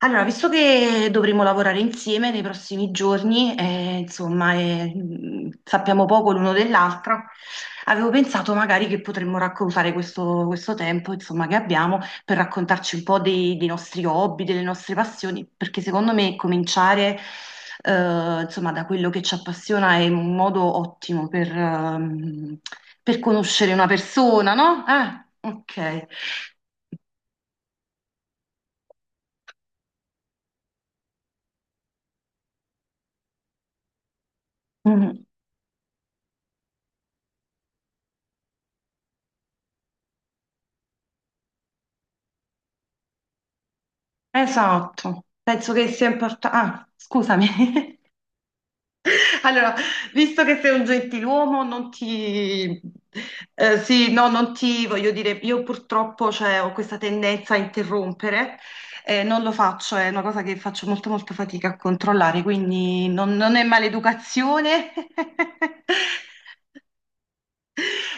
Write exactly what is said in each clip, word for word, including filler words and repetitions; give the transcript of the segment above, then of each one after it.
Allora, visto che dovremo lavorare insieme nei prossimi giorni, eh, insomma, eh, mh, sappiamo poco l'uno dell'altra, avevo pensato magari che potremmo raccontare questo, questo tempo, insomma, che abbiamo per raccontarci un po' dei, dei nostri hobby, delle nostre passioni, perché secondo me cominciare, eh, insomma, da quello che ci appassiona è un modo ottimo per, ehm, per conoscere una persona, no? Eh, ok. Mm. Esatto, penso che sia importante. Ah, scusami. Allora, visto che sei un gentiluomo, non ti— eh, sì, no, non ti voglio dire, io purtroppo cioè, ho questa tendenza a interrompere, eh, non lo faccio, è una cosa che faccio molto molta fatica a controllare, quindi non, non è maleducazione.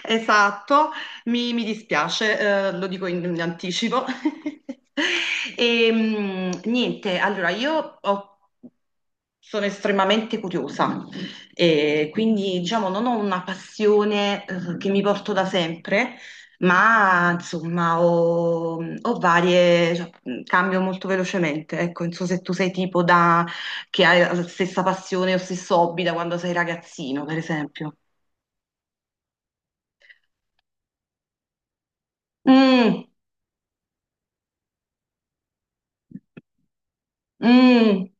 Esatto, mi, mi dispiace, eh, lo dico in, in anticipo. E, mm, niente, allora io ho- sono estremamente curiosa e quindi diciamo non ho una passione, eh, che mi porto da sempre, ma insomma ho, ho varie, cioè, mm, cambio molto velocemente. Ecco, non so se tu sei tipo da, che hai la stessa passione o stesso hobby da quando sei ragazzino, per esempio. Mm. Mm.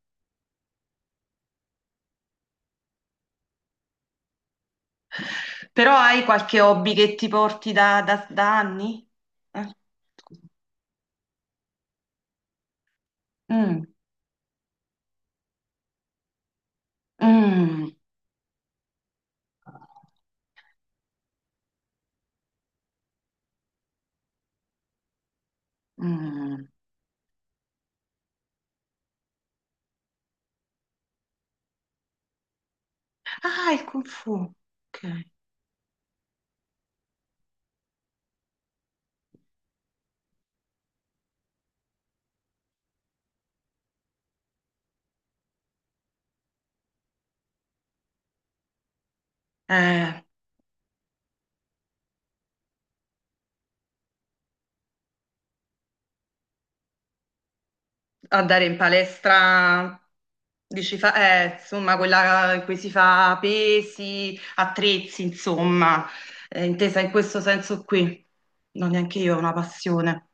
Però hai qualche hobby che ti porti da, da- da anni? Eh? Mm. Mm. Mm. Ah, il Kung Fu. Ok. Eh, Andare in palestra, dici, fa- eh, insomma, quella in cui si fa pesi, attrezzi, insomma, Eh, intesa in questo senso qui. Non neanche io ho una passione,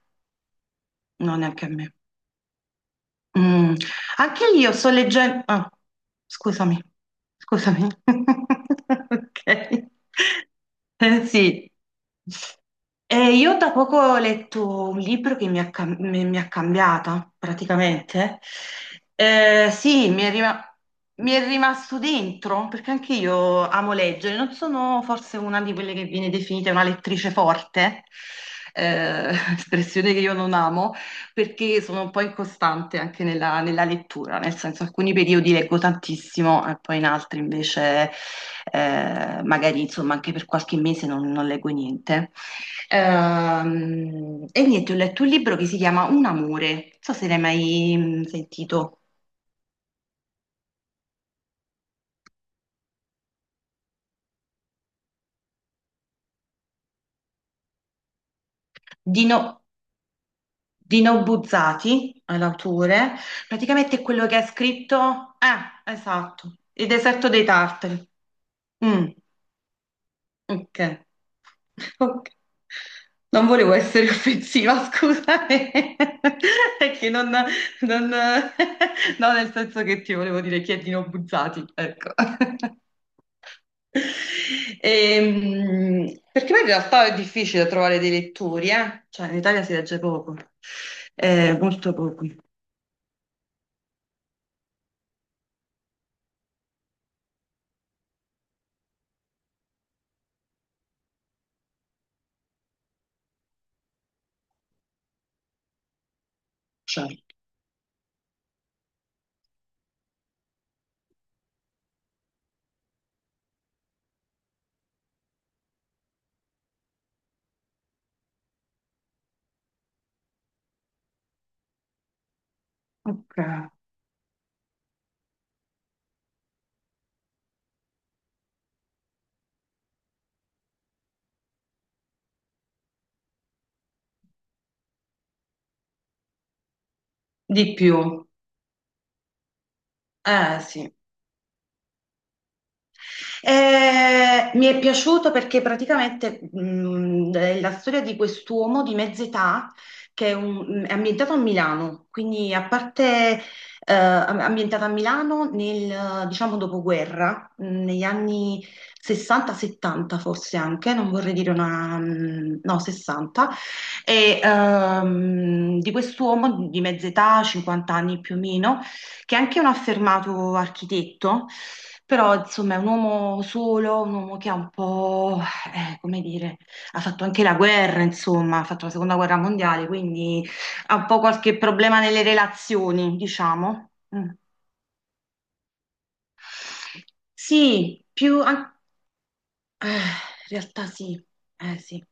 no, neanche a me. Mm. Anche io sto leggendo— ah, scusami, scusami. Ok. Eh, sì. Eh, io da poco ho letto un libro che mi ha, cam- mi- mi ha cambiata, praticamente. Eh, sì, mi è, rima- mi è rimasto dentro, perché anche io amo leggere. Non sono forse una di quelle che viene definita una lettrice forte, eh, espressione che io non amo perché sono un po' incostante anche nella, nella lettura, nel senso alcuni periodi leggo tantissimo e poi in altri invece eh, magari insomma anche per qualche mese non, non leggo niente. Ehm, e niente, ho letto un libro che si chiama Un amore, non so se l'hai mai mm, sentito, di, no, di Nobuzzati, è l'autore, praticamente è quello che ha scritto— Ah, esatto, Il deserto dei tartari. Mm. Ok, ok. Non volevo essere offensiva, scusami, è che non, non- no, nel senso che ti volevo dire chiedino buzzati, ecco. Ehm, perché poi in realtà è difficile trovare dei lettori, eh? Cioè in Italia si legge poco. Eh, molto poco. Certo. Ok. Di più, eh sì. Eh, mi è piaciuto perché praticamente mh, è la storia di quest'uomo di mezza età che è, un- è ambientato a Milano, quindi a parte eh, ambientata a Milano nel, diciamo, dopoguerra, mh, negli anni sessanta settanta forse anche, non vorrei dire una— mh, no, sessanta, e ehm, di quest'uomo di mezza età, cinquanta anni più o meno, che è anche un affermato architetto, però insomma è un uomo solo, un uomo che ha un po', eh, come dire, ha fatto anche la guerra, insomma, ha fatto la seconda guerra mondiale, quindi ha un po' qualche problema nelle relazioni, diciamo. Mm. Sì, più, an- eh, in realtà sì, eh sì.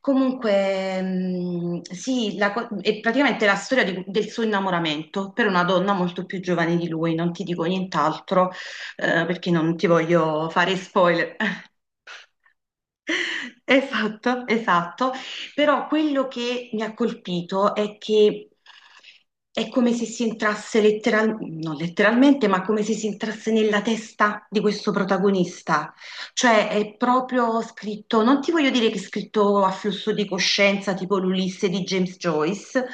Comunque, mh, sì, la co- è praticamente la storia di- del suo innamoramento per una donna molto più giovane di lui, non ti dico nient'altro, eh, perché non ti voglio fare spoiler. Esatto, esatto. Però quello che mi ha colpito è che è come se si entrasse letteral- non letteralmente, ma come se si entrasse nella testa di questo protagonista. Cioè è proprio scritto, non ti voglio dire che è scritto a flusso di coscienza, tipo l'Ulisse di James Joyce,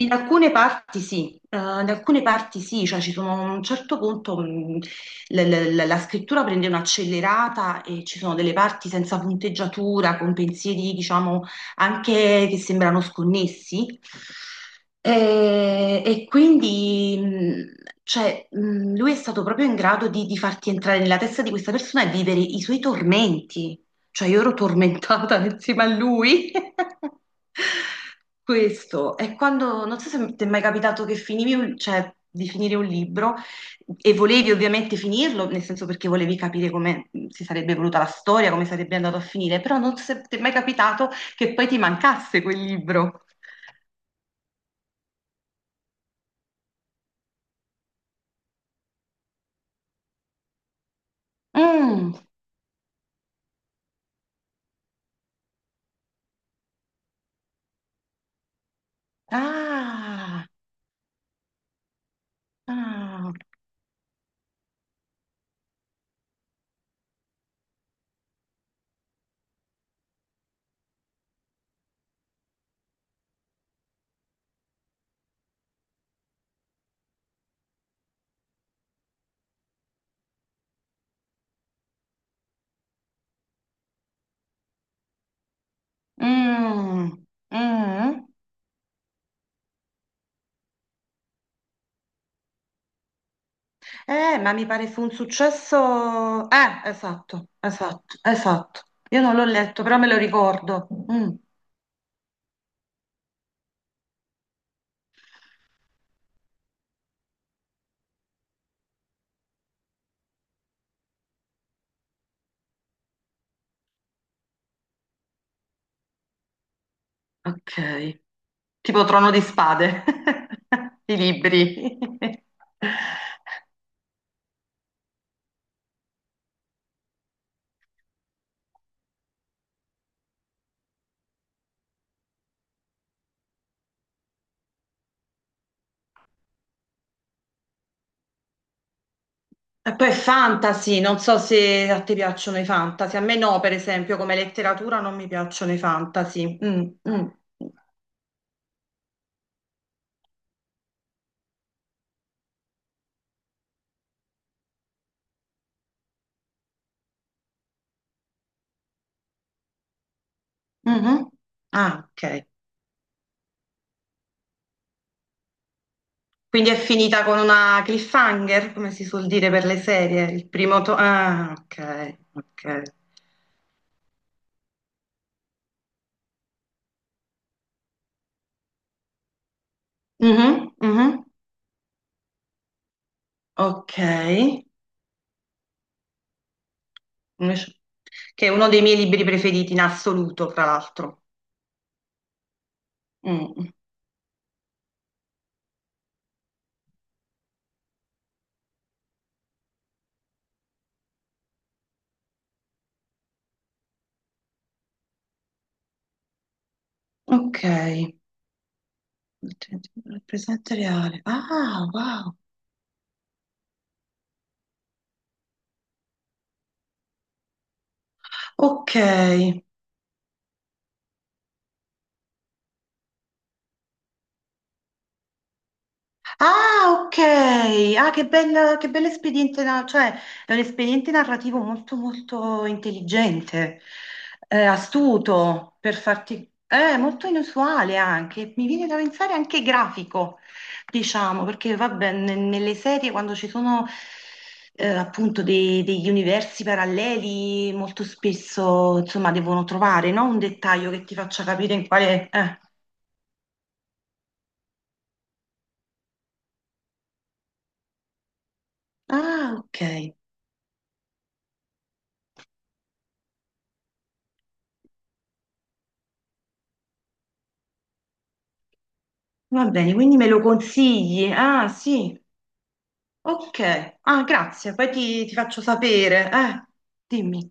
in alcune parti sì, eh, in alcune parti sì, cioè ci sono a un certo punto mh, la, la- la- la scrittura prende un'accelerata e ci sono delle parti senza punteggiatura, con pensieri diciamo anche che sembrano sconnessi. E, e quindi mh, cioè, mh, lui è stato proprio in grado di, di farti entrare nella testa di questa persona e vivere i suoi tormenti. Cioè io ero tormentata insieme a lui. Questo è quando, non so se ti è mai capitato che finivi, un- cioè, di finire un libro e volevi ovviamente finirlo, nel senso perché volevi capire come mm, si sarebbe evoluta la storia, come sarebbe andato a finire, però non so se ti è mai capitato che poi ti mancasse quel libro. Mm. Ah, ah, mm, mm. Eh, ma mi pare fu un successo. Eh, esatto, esatto, esatto. Io non l'ho letto, però me lo ricordo. Mm, ok. Tipo Trono di Spade, i libri. E poi fantasy, non so se a te piacciono i fantasy. A me no, per esempio, come letteratura non mi piacciono i fantasy. Mm, mm. Mhm. Ah, ok. Quindi è finita con una cliffhanger, come si suol dire per le serie, il primo— to- Ah, ok, ok. Mhm, mhm, ok. Invece- Che è uno dei miei libri preferiti in assoluto, tra l'altro. Mm, ok. Il presente reale. Ah, wow. Ok. Ah, ok. Ah, che bel, che bello espediente, na- cioè è un espediente narrativo molto molto intelligente, eh, astuto per farti, eh, molto inusuale anche. Mi viene da pensare anche grafico, diciamo, perché vabbè, ne- nelle serie quando ci sono eh, appunto dei- degli universi paralleli, molto spesso insomma devono trovare, no? Un dettaglio che ti faccia capire in quale— eh. Ah, ok. Va bene, quindi me lo consigli? Ah, sì, ok. Ah, grazie, poi ti, ti faccio sapere. Eh, dimmi.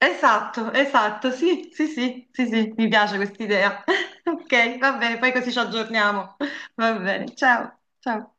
Esatto, esatto, sì, sì, sì, sì, sì, mi piace questa idea. Ok, va bene, poi così ci aggiorniamo. Va bene, ciao, ciao.